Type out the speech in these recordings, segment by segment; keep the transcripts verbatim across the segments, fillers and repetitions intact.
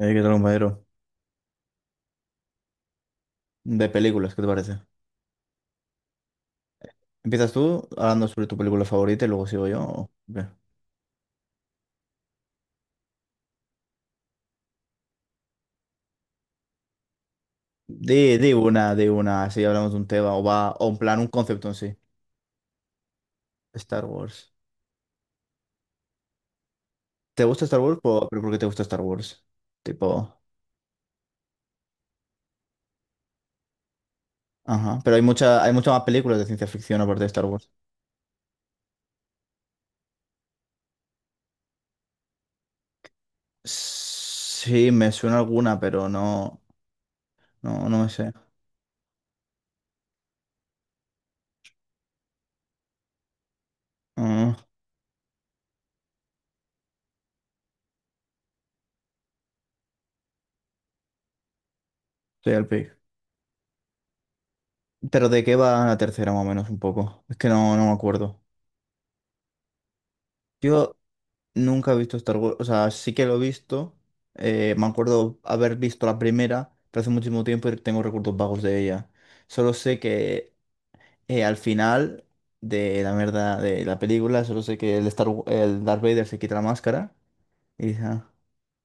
Eh, ¿Qué tal, compañero? De películas, ¿qué te parece? ¿Empiezas tú hablando sobre tu película favorita y luego sigo yo? ¿O qué? Di, di una, di una, así hablamos de un tema o va, o en plan, un concepto en sí. Star Wars. ¿Te gusta Star Wars? Po- ¿Pero por qué te gusta Star Wars? Tipo, ajá. Pero hay mucha, hay muchas más películas de ciencia ficción aparte de Star Wars. Sí, me suena alguna, pero no, no, no me sé. Ah, soy el pick. ¿Pero de qué va la tercera más o menos un poco? Es que no, no me acuerdo. Yo nunca he visto Star Wars, o sea, sí que lo he visto, eh, me acuerdo haber visto la primera, pero hace muchísimo tiempo y tengo recuerdos vagos de ella. Solo sé que eh, al final de la mierda de la película, solo sé que el, Star, Wa- el Darth Vader se quita la máscara y dice, ah,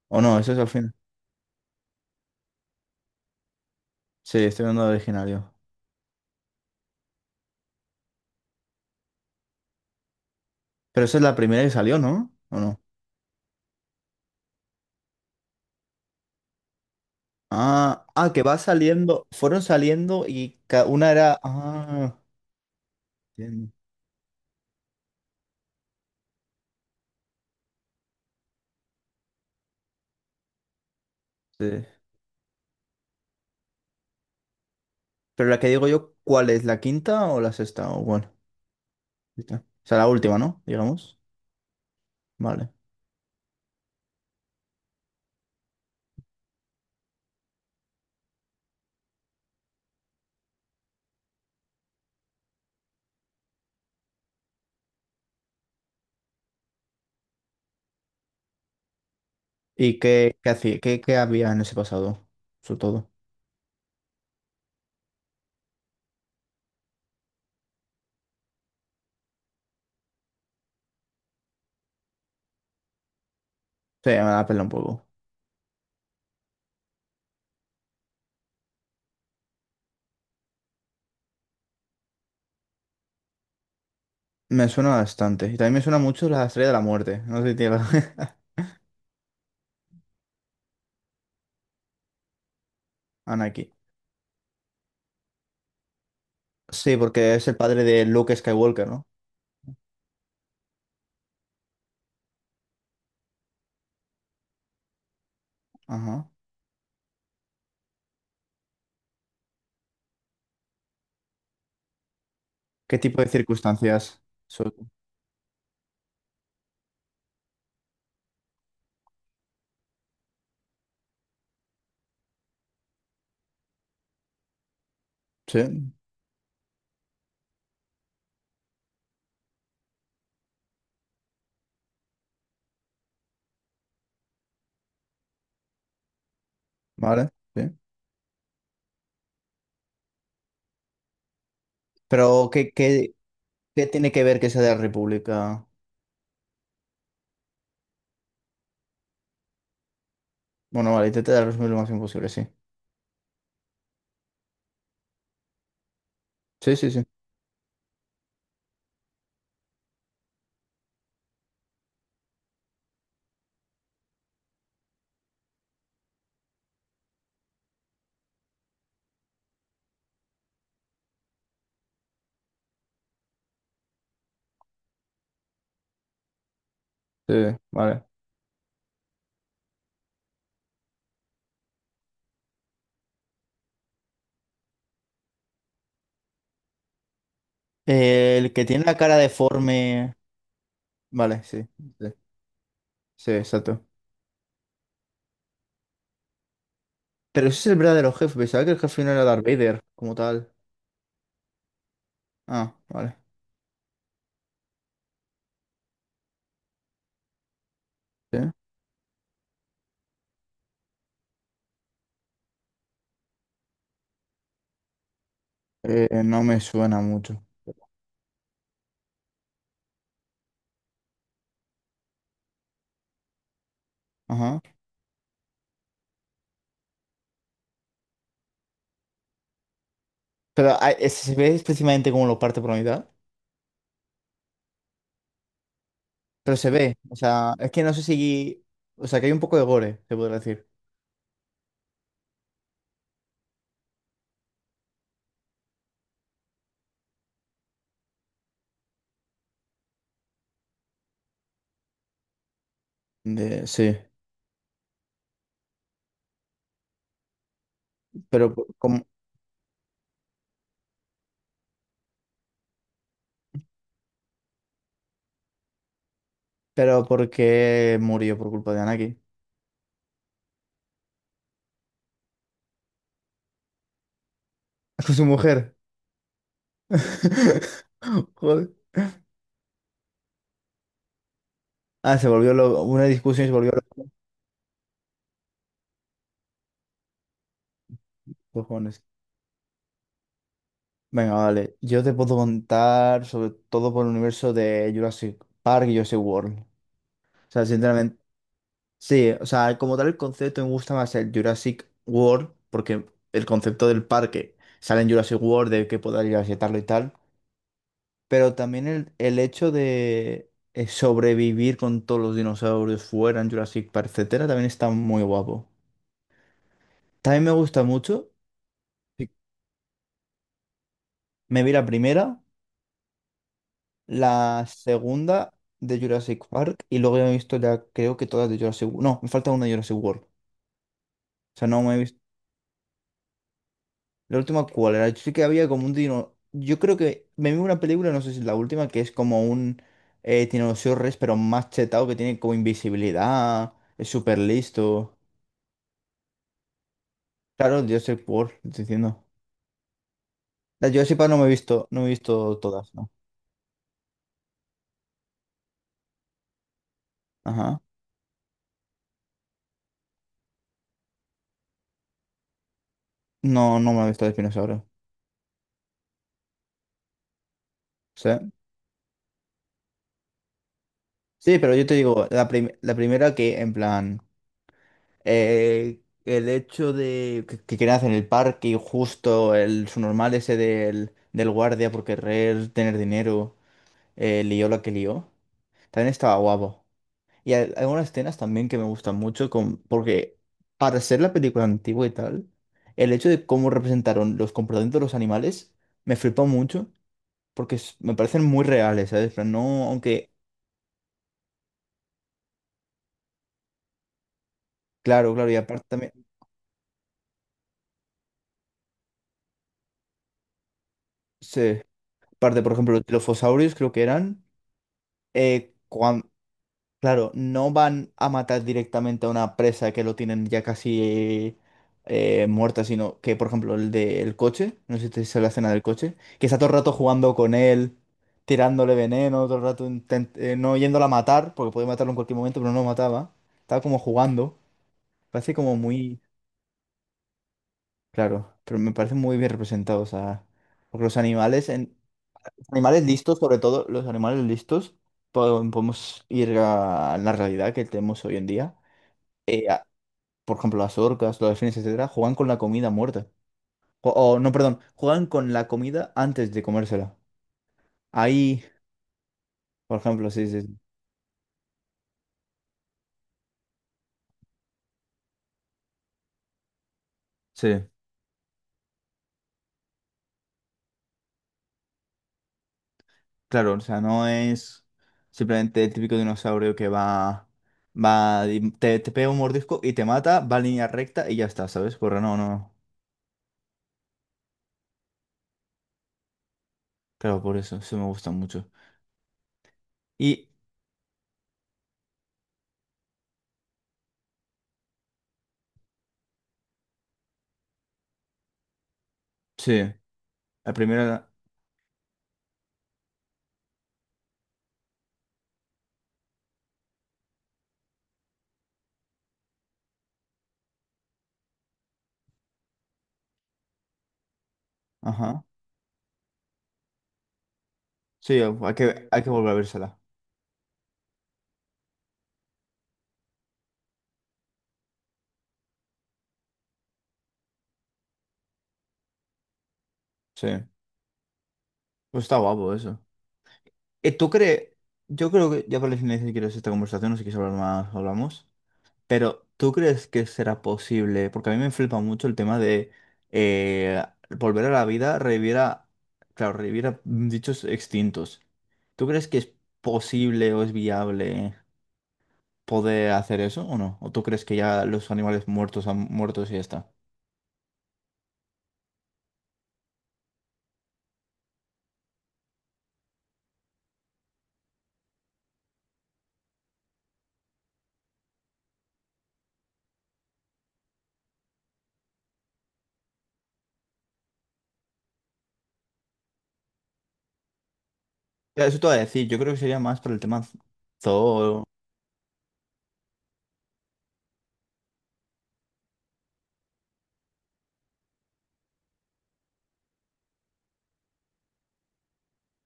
o no, eso es al final. Sí, estoy hablando del originario. Pero esa es la primera que salió, ¿no? ¿O no? Ah, ah, que va saliendo, fueron saliendo y ca- una era... Ah, entiendo. Sí. Pero la que digo yo, ¿cuál es? ¿La quinta o la sexta? O bueno, esta. O sea, la última, ¿no? Digamos. Vale. ¿Y qué, qué hacía, qué, qué había en ese pasado? Sobre todo. Sí, me la pela un poco. Me suena bastante. Y también me suena mucho la Estrella de la Muerte. No sé si tiene la- Anakin. Sí, porque es el padre de Luke Skywalker, ¿no? Ajá. ¿Qué tipo de circunstancias? So- Sí, vale, sí. Pero ¿qué, qué, qué tiene que ver que sea de la República? Bueno, vale, intenté resumir lo más imposible, sí. Sí, sí, sí. Sí, vale. Eh, el que tiene la cara deforme. Vale, sí. Sí, sí, exacto. Pero ese es el verdadero jefe. Pensaba que el jefe no era Darth Vader, como tal. Ah, vale. Sí. Eh, no me suena mucho. Ajá. Pero ah, eh, se ve específicamente como lo parte por la mitad. Pero se ve. O sea, es que no sé si. O sea, que hay un poco de gore, se podría decir. De- sí. Pero, por- como- pero ¿por qué murió por culpa de Anakin? Con su mujer. Joder. Ah, se volvió loco. Una discusión y se volvió loco. Cojones. Venga, vale. Yo te puedo contar sobre todo por el universo de Jurassic Park y Jurassic World. O sea, sinceramente, sí, o sea, como tal el concepto me gusta más el Jurassic World, porque el concepto del parque sale en Jurassic World, de que poder ir a visitarlo y tal. Pero también el, el hecho de eh, sobrevivir con todos los dinosaurios fuera en Jurassic Park, etcétera, también está muy guapo. También me gusta mucho. Sí. Me vi la primera, la segunda de Jurassic Park y luego ya me he visto ya creo que todas de Jurassic World. No, me falta una de Jurassic World. O sea, no me he visto. La última, ¿cuál era? Yo sé que había como un dino. Yo creo que me vi una película, no sé si es la última, que es como un eh, Tiranosaurio Rex, pero más chetado, que tiene como invisibilidad, es súper listo. Claro, Jurassic World, te estoy diciendo. La Jurassic Park no me he visto, no me he visto todas, ¿no? Ajá. No, no me he visto de dinosaurio. Sí. Sí, pero yo te digo, la, prim- la primera que en plan. Eh, el hecho de que, que quieran hacer en el parque y justo el su normal ese del, del guardia por querer tener dinero, eh, lió la que lió, también estaba guapo. Y hay hay algunas escenas también que me gustan mucho con, porque para ser la película antigua y tal, el hecho de cómo representaron los comportamientos de los animales me flipó mucho porque es- me parecen muy reales, ¿sabes? Pero no, aunque, claro, claro, y aparte también, sí, aparte, por ejemplo, los quilofosaurios creo que eran... Eh, claro, no van a matar directamente a una presa que lo tienen ya casi eh, muerta, sino que, por ejemplo, el del coche, no sé si te hizo la escena del coche, que está todo el rato jugando con él, tirándole veneno, todo el rato intent- eh, no yéndola a matar, porque podía matarlo en cualquier momento, pero no lo mataba. Estaba como jugando, parece como muy, claro, pero me parece muy bien representado, o sea, porque los animales, en... los animales listos, sobre todo, los animales listos, pod- podemos ir a la realidad que tenemos hoy en día, eh, por ejemplo, las orcas, los delfines, etcétera, juegan con la comida muerta. O, o, no, perdón, juegan con la comida antes de comérsela. Ahí, por ejemplo, sí, sí, sí. Sí, claro, o sea, no es simplemente el típico dinosaurio que va, va, y te, te pega un mordisco y te mata, va en línea recta y ya está, ¿sabes? Corre, no, no. Claro, por eso, sí me gusta mucho. Y sí, la primera, ajá. Sí, hay que, hay que volver a vérsela. Sí, pues está guapo eso. Eh, ¿Tú crees? Yo creo que ya para el final, si quieres esta conversación, no sé si quieres hablar más, hablamos. Pero ¿tú crees que será posible? Porque a mí me flipa mucho el tema de eh, volver a la vida, revivir a, claro, revivir a dichos extintos. ¿Tú crees que es posible o es viable poder hacer eso o no? ¿O tú crees que ya los animales muertos han muertos y ya está? Ya, eso te voy a decir, yo creo que sería más para el tema zoo.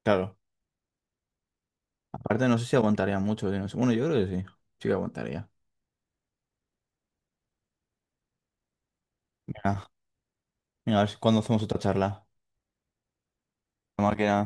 Claro. Aparte, no sé si aguantaría mucho. Si no sé- bueno, yo creo que sí. Sí que aguantaría. Venga. Venga, a ver si- ¿cuándo hacemos otra charla? La máquina.